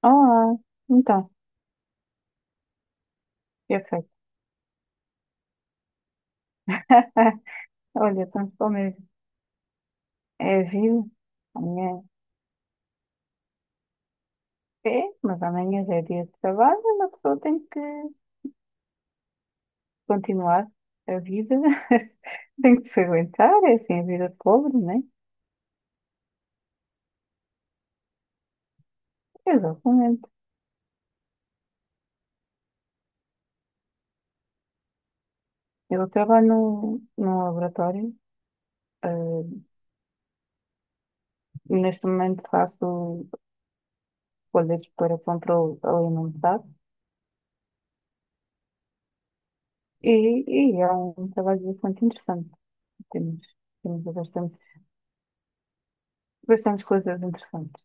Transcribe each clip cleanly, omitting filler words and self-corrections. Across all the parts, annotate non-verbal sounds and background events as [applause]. Olá, então, perfeito. [laughs] Olha, tanto bom mesmo. É a vida, amanhã é, mas amanhã já é dia de trabalho, uma pessoa tem que continuar a vida. [laughs] Tem que se aguentar, é assim a vida de pobre, né? Exatamente. Eu trabalho num laboratório, eh, neste momento faço folhas para controle alimentar e, e é um trabalho bastante interessante. Temos, temos bastantes coisas interessantes.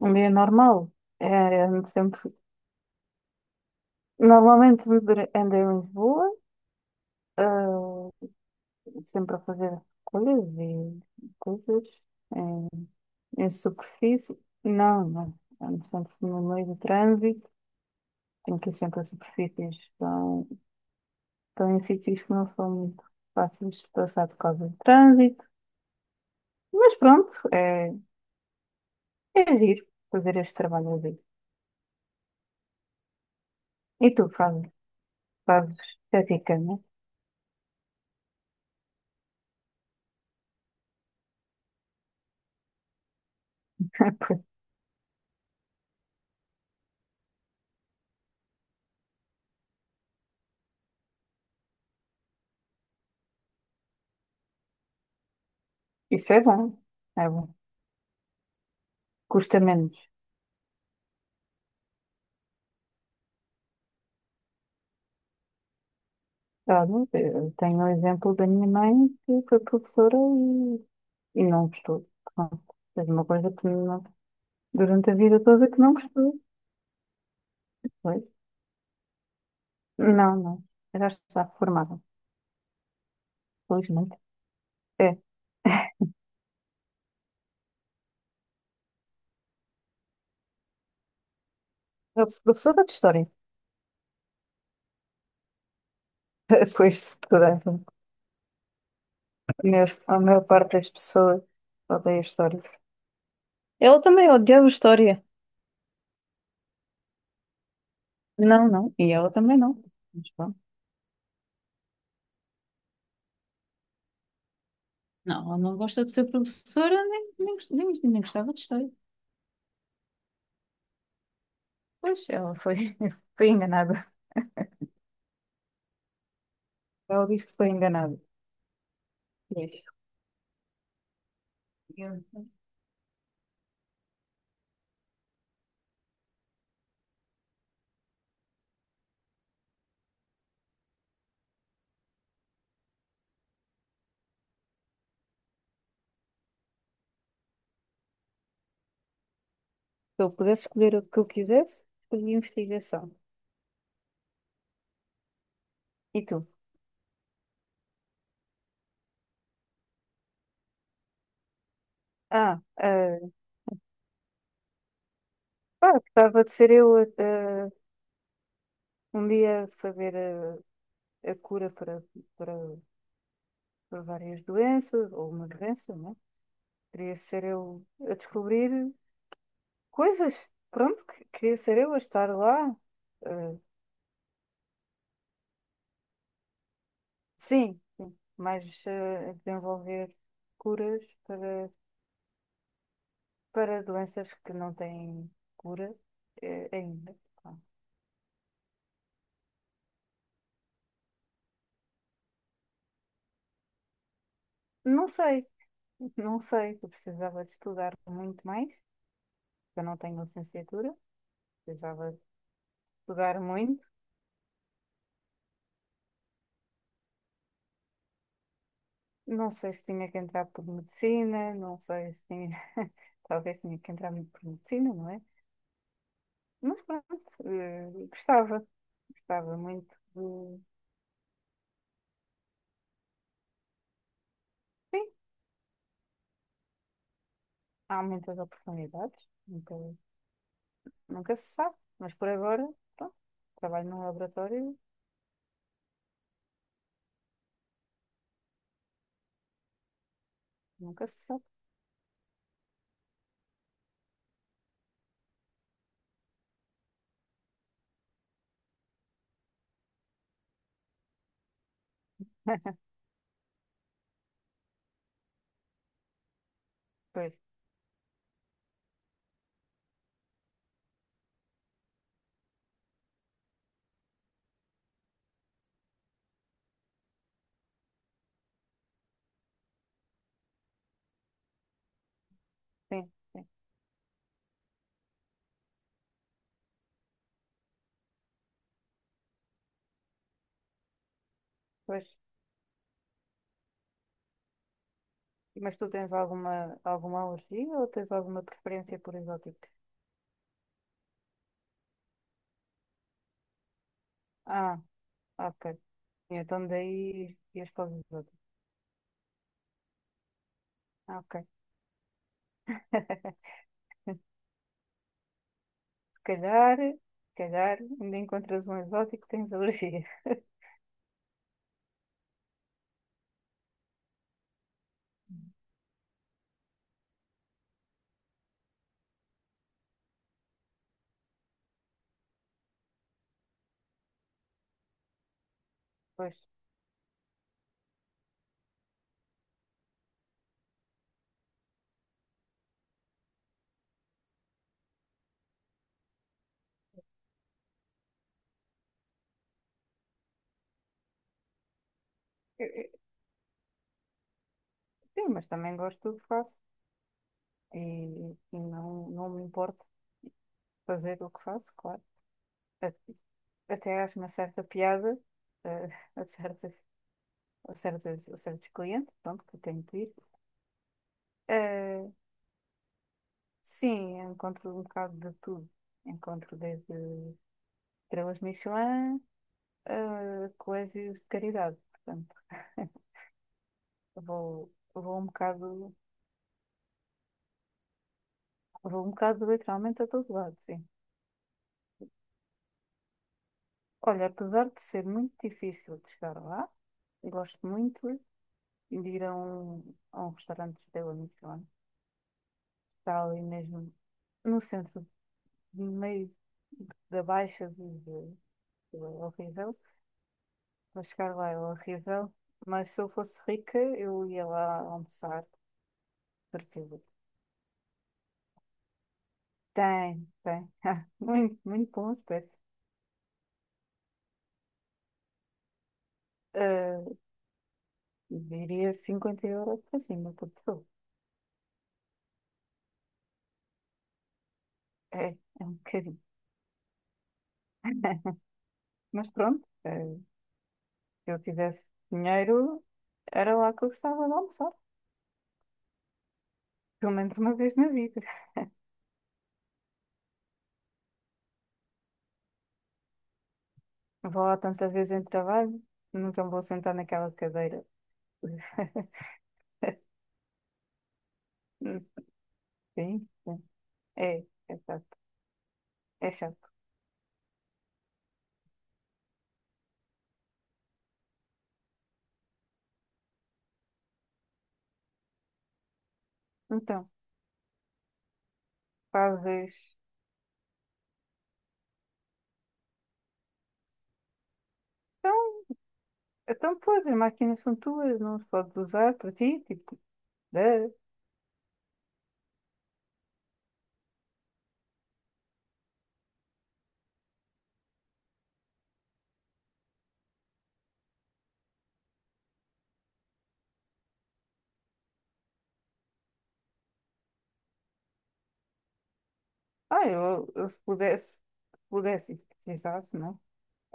Um dia normal. É, ando sempre... Normalmente ando em Lisboa, ah, sempre a fazer coisas e coisas em, em superfície. Não, não. Ando sempre no meio do trânsito. Tenho que ir sempre a superfícies. Estão, estão em sítios que não são muito fáceis de passar por causa do trânsito. Mas pronto, é, é giro fazer este trabalho ali. E tu fazes estética, né? [laughs] Pois, isso é bom. É bom. Custa menos. Olha, eu tenho o exemplo da minha mãe que foi professora e não gostou. Pronto, fez uma coisa que não- durante a vida toda que não gostou. Pois. Não, não. Já está formada, felizmente. É, eu fui professora de História. [laughs] Foi isso, portanto, a maior parte das pessoas odeia História. Ela também odiava História. Não, não. E ela também não. Mas pronto. Não, ela não gosta de ser professora, nem gostava de História. Pois, ela foi, [laughs] foi enganada. Ela diz que foi enganada. Diz. Se eu pudesse escolher o que eu quisesse, escolhi investigação. E tu? Ah, ah, pá, gostava de ser eu um dia a saber a cura para, para várias doenças, ou uma doença, não é? Queria ser eu a descobrir coisas. Pronto, queria ser eu a estar lá. ah, sim, sim, mas a desenvolver curas para doenças que não têm cura, ainda. Pá. Não sei, não sei, eu precisava de estudar muito mais, eu não tenho licenciatura, precisava de estudar muito. Não sei se tinha que entrar por medicina, não sei se tinha, [laughs] talvez tinha que entrar muito por medicina, não é? Mas pronto, gostava, gostava muito de. Sim, há muitas oportunidades, nunca, nunca se sabe, mas por agora, pronto, trabalho num laboratório, nunca se sabe. [laughs] Pois. Sim, sim. Pois, mas tu tens alguma, alguma alergia ou tens alguma preferência por exóticos? Ah, ok. Então daí ias para os exóticos. Ah, ok. [laughs] Se calhar, se calhar ainda encontras um exótico que tens [laughs] alergia. Pois, eu- eu- sim, mas também gosto do que faço e, e não, não me importo fazer o que faço, claro. A- Até acho uma certa piada eh, [laughs] a, certas, a a certos clientes, pronto, que eu tenho que ir. eh, Sim, eu encontro um bocado de tudo. Encontro desde estrelas Michelin a colégios de caridade. Portanto, [laughs] vou vou um bocado literalmente a todo lado, sim. Olha, apesar de ser muito difícil de chegar lá, gosto muito de ir a a um restaurante de estrela Michelin. Está ali mesmo no centro, no meio da Baixa de horrível. Para chegar lá é horrível. Mas se eu fosse rica, eu ia lá almoçar. Perfil. Tem, tem. [laughs] Ah, muito, muito bons preços. Ah, diria 50 € para cima por pessoa. É, é um bocadinho. Mas pronto, se eu tivesse dinheiro, era lá que eu gostava de almoçar. Pelo menos uma vez na vida. Vou lá tantas vezes em trabalho, nunca me vou sentar naquela cadeira. [laughs] Sim, sim. É, é chato. É chato. Então, fazes. Então, então, pois, as máquinas são tuas, não as podes usar para ti, tipo. Duh. Ah, eu se pudesse, e precisasse, não?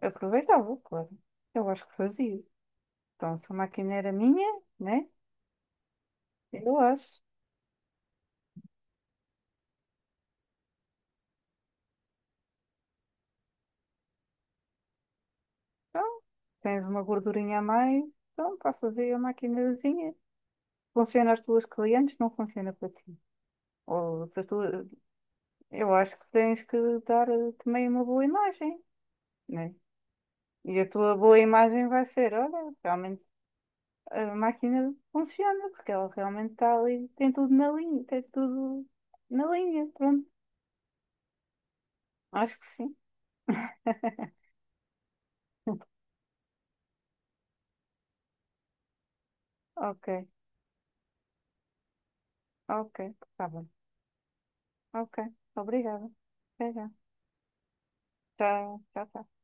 Aproveitava, claro. Eu acho que fazia. Então, se a máquina era minha, né? Eu acho. Então, tens uma gordurinha a mais, então passas aí a máquinazinha. Funciona às tuas clientes, não funciona para ti. Ou se tu, eu acho que tens que dar também uma boa imagem, né? E a tua boa imagem vai ser, olha, realmente a máquina funciona, porque ela realmente está ali, tem tudo tem tudo na linha, pronto. Acho que sim. [laughs] Ok, ok, tá bom. Ok, obrigada. Até já. Tchau, tchau, tchau.